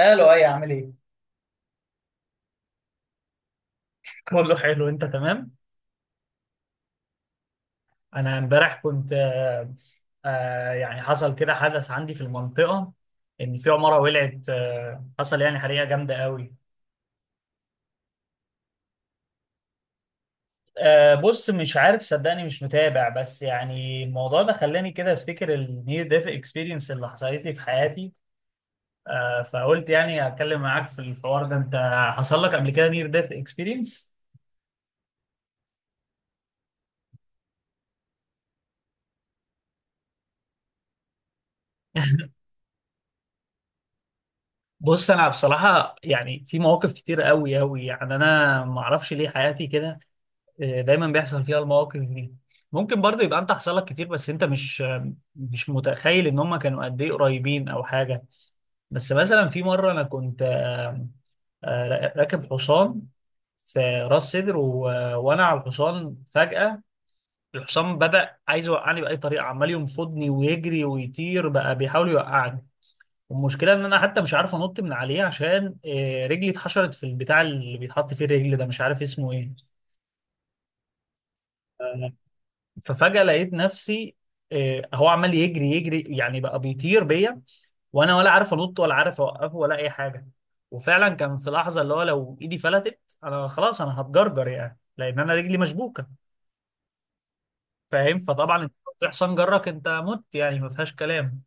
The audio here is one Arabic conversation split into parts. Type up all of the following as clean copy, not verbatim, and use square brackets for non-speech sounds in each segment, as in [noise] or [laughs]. الو، اي عامل ايه؟ بقول له حلو، انت تمام؟ انا امبارح كنت يعني حصل كده حدث عندي في المنطقه، ان في عماره ولعت، حصل يعني حريقه جامده قوي. بص، مش عارف، صدقني مش متابع، بس يعني الموضوع ده خلاني كده افتكر النير ديث اكسبيرينس اللي حصلت لي في حياتي. فقلت يعني اتكلم معاك في الحوار ده. انت حصل لك قبل كده نير ديث اكسبيرينس؟ بص، انا بصراحه يعني في مواقف كتير قوي قوي، يعني انا ما اعرفش ليه حياتي كده. دايما بيحصل فيها المواقف دي. ممكن برضه يبقى انت حصل لك كتير بس انت مش متخيل ان هم كانوا قد ايه قريبين او حاجه. بس مثلا في مره انا كنت، راكب حصان في راس سدر، و... وانا على الحصان فجاه الحصان بدا عايز يوقعني باي طريقه، عمال ينفضني ويجري ويطير بقى بيحاول يوقعني. والمشكله ان انا حتى مش عارف انط من عليه، عشان رجلي اتحشرت في البتاع اللي بيتحط فيه الرجل ده، مش عارف اسمه ايه. ففجأة لقيت نفسي، هو عمال يجري يعني بقى بيطير بيا، وانا ولا عارف انط ولا عارف اوقفه ولا اي حاجه. وفعلا كان في لحظه اللي هو لو ايدي فلتت، انا خلاص انا هتجرجر يعني، لان انا رجلي مشبوكه. فاهم؟ فطبعا انت لو في حصان جرك انت مت يعني، ما فيهاش كلام.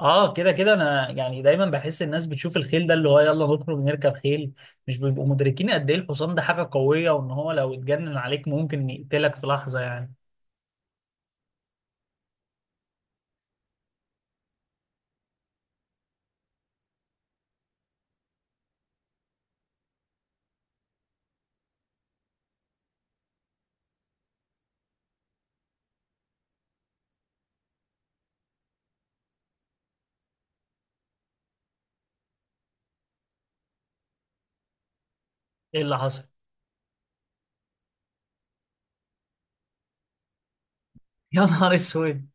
اه، كده كده انا يعني دايما بحس الناس بتشوف الخيل ده اللي هو يلا نخرج نركب خيل، مش بيبقوا مدركين قد ايه الحصان ده حاجه قويه، وان هو لو اتجنن عليك ممكن يقتلك في لحظه يعني. ايه اللي حصل؟ [laughs] يا نهار اسود.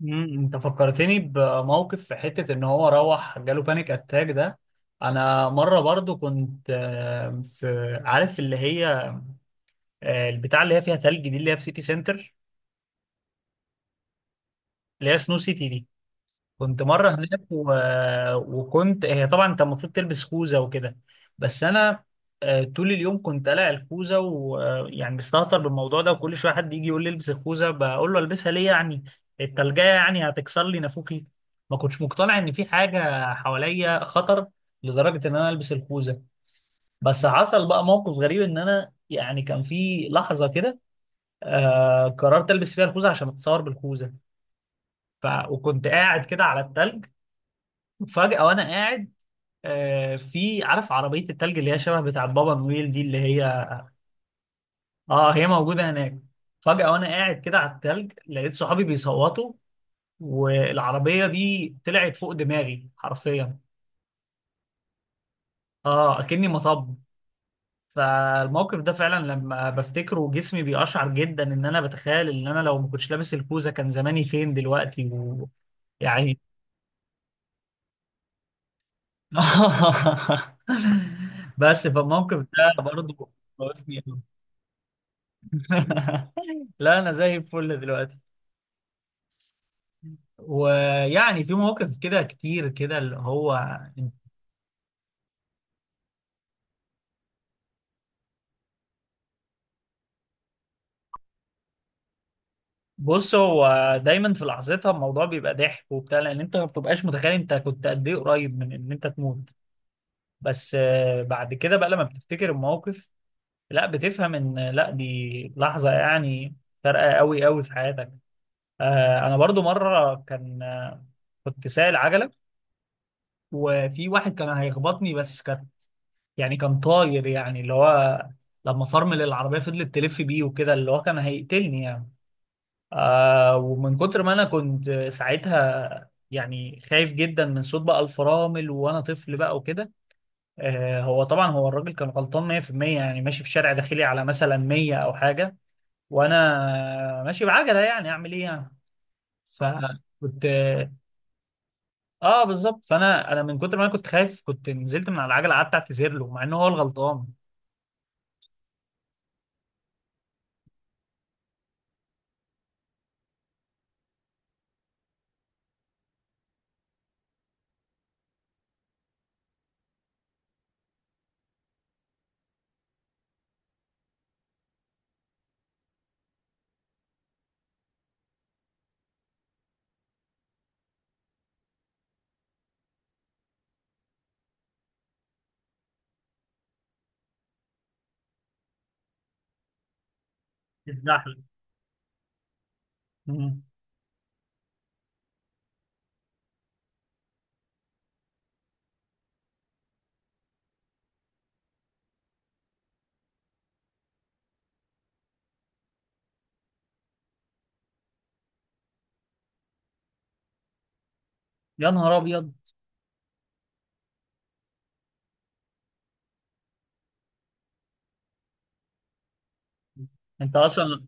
مم، انت فكرتني بموقف في حتة ان هو روح جاله بانيك اتاك ده. انا مرة برضو كنت، في عارف اللي هي، البتاع اللي هي فيها تلج دي اللي هي في سيتي سنتر، اللي هي سنو سيتي دي. كنت مرة هناك، و... وكنت، هي طبعا انت المفروض تلبس خوذة وكده. بس انا طول اليوم كنت قلع الخوذة، ويعني مستهتر بالموضوع ده، وكل شوية حد يجي يقول لي البس الخوذة، بقول له البسها ليه يعني؟ التلجية يعني هتكسر لي نافوخي؟ ما كنتش مقتنع ان في حاجة حواليا خطر لدرجة ان انا البس الخوذة. بس حصل بقى موقف غريب، ان انا يعني كان في لحظة كده آه قررت البس فيها الخوذة عشان اتصور بالخوذة. ف... وكنت قاعد كده على التلج، فجأة وأنا قاعد، في عارف عربية التلج اللي هي شبه بتاع بابا نويل دي، اللي هي، اه هي موجودة هناك. فجأة وأنا قاعد كده على التلج لقيت صحابي بيصوتوا، والعربية دي طلعت فوق دماغي حرفيا، اه أكني مطب. فالموقف ده فعلا لما بفتكره جسمي بيقشعر جدا، ان انا بتخيل ان انا لو ما كنتش لابس الكوزة كان زماني فين دلوقتي. ويعني [laughs] بس فالموقف ده برضه خوفني أوي. [laughs] لا انا زي الفل دلوقتي. ويعني في مواقف كده كتير كده اللي هو، بص هو دايما في لحظتها الموضوع بيبقى ضحك وبتاع، لان انت ما بتبقاش متخيل انت كنت قد ايه قريب من ان انت تموت. بس بعد كده بقى لما بتفتكر المواقف، لا بتفهم ان لا دي لحظة يعني فارقة قوي قوي في حياتك. انا برضو مرة كان، كنت سايق العجلة، وفي واحد كان هيخبطني بس كان، يعني كان طاير يعني اللي هو، لما فرمل العربية فضلت تلف بيه وكده، اللي هو كان هيقتلني يعني. آه، ومن كتر ما أنا كنت ساعتها يعني خايف جدا من صوت بقى الفرامل، وأنا طفل بقى وكده. آه هو طبعا هو الراجل كان غلطان 100%، يعني ماشي في شارع داخلي على مثلا 100 أو حاجة، وأنا ماشي بعجلة، يعني أعمل إيه يعني؟ صح؟ فكنت اه، بالظبط. فانا من كتر ما انا كنت خايف كنت نزلت من على العجله قعدت اعتذر له، مع ان هو الغلطان. اتزحلق. يا نهار ابيض. انت اصلا،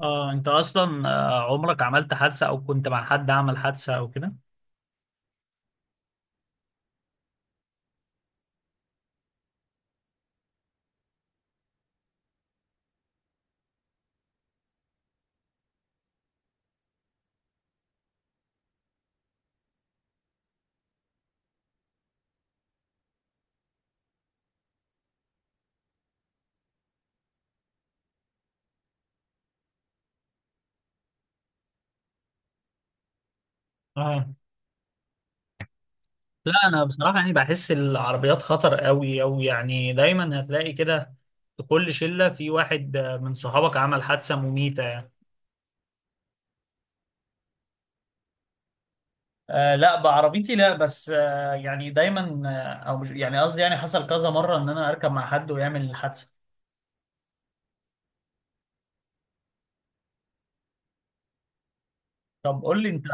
اه انت اصلا عمرك عملت حادثه او كنت مع حد عمل حادثه او كده؟ اه، لا انا بصراحه يعني بحس العربيات خطر قوي قوي، يعني دايما هتلاقي كده في كل شله في واحد، من صحابك عمل حادثه مميته يعني. آه لا، بعربيتي لا، بس آه يعني دايما، آه او مش يعني قصدي يعني حصل كذا مره ان انا اركب مع حد ويعمل حادثه. طب قول لي انت.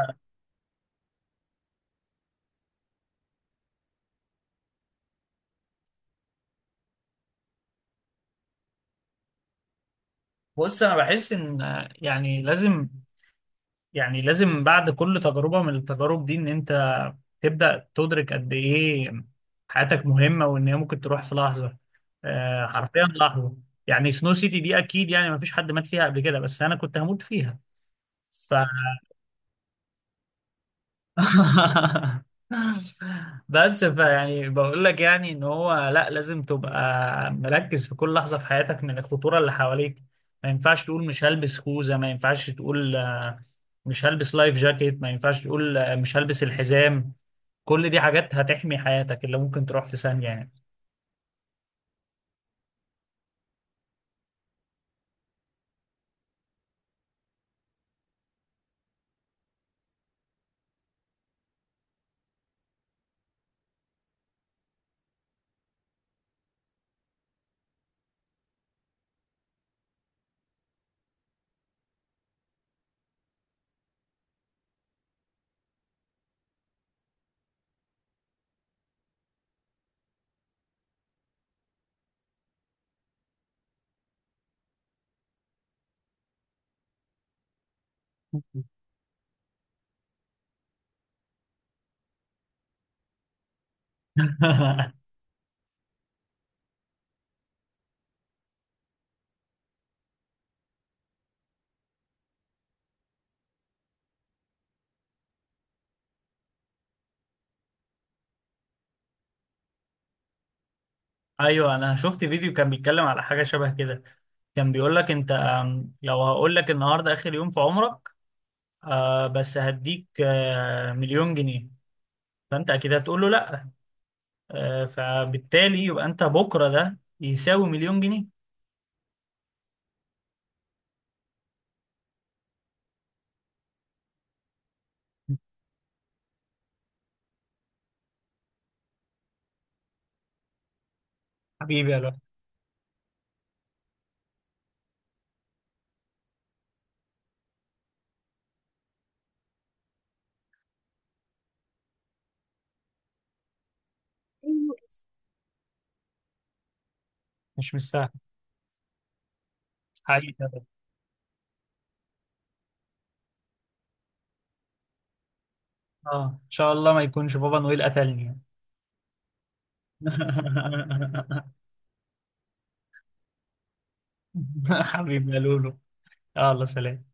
بص انا بحس ان، يعني لازم، يعني لازم بعد كل تجربة من التجارب دي ان انت تبدأ تدرك قد ايه حياتك مهمة، وان هي ممكن تروح في لحظة، حرفيا لحظة. يعني سنو سيتي دي اكيد يعني ما فيش حد مات فيها قبل كده، بس انا كنت هموت فيها. [laughs] بس فيعني بقول لك يعني ان هو، لا لازم تبقى مركز في كل لحظه في حياتك من الخطوره اللي حواليك. ما ينفعش تقول مش هلبس خوذه، ما ينفعش تقول مش هلبس لايف جاكيت، ما ينفعش تقول مش هلبس الحزام. كل دي حاجات هتحمي حياتك اللي ممكن تروح في ثانيه يعني. [laughs] ايوه، انا شفت فيديو كان بيتكلم على حاجه شبه كده. كان بيقول لك انت، لو هقول لك النهارده اخر يوم في عمرك، آه بس هديك آه مليون جنيه، فانت اكيد هتقول له لا. آه، فبالتالي يبقى انت بكره ده يساوي مليون جنيه. حبيبي يا لؤي. مش مستاهل. حقيقي يا لؤي. اه ان شاء الله ما يكونش بابا نويل قتلني. [laughs] حبيبي يا لولو. يلا سلام.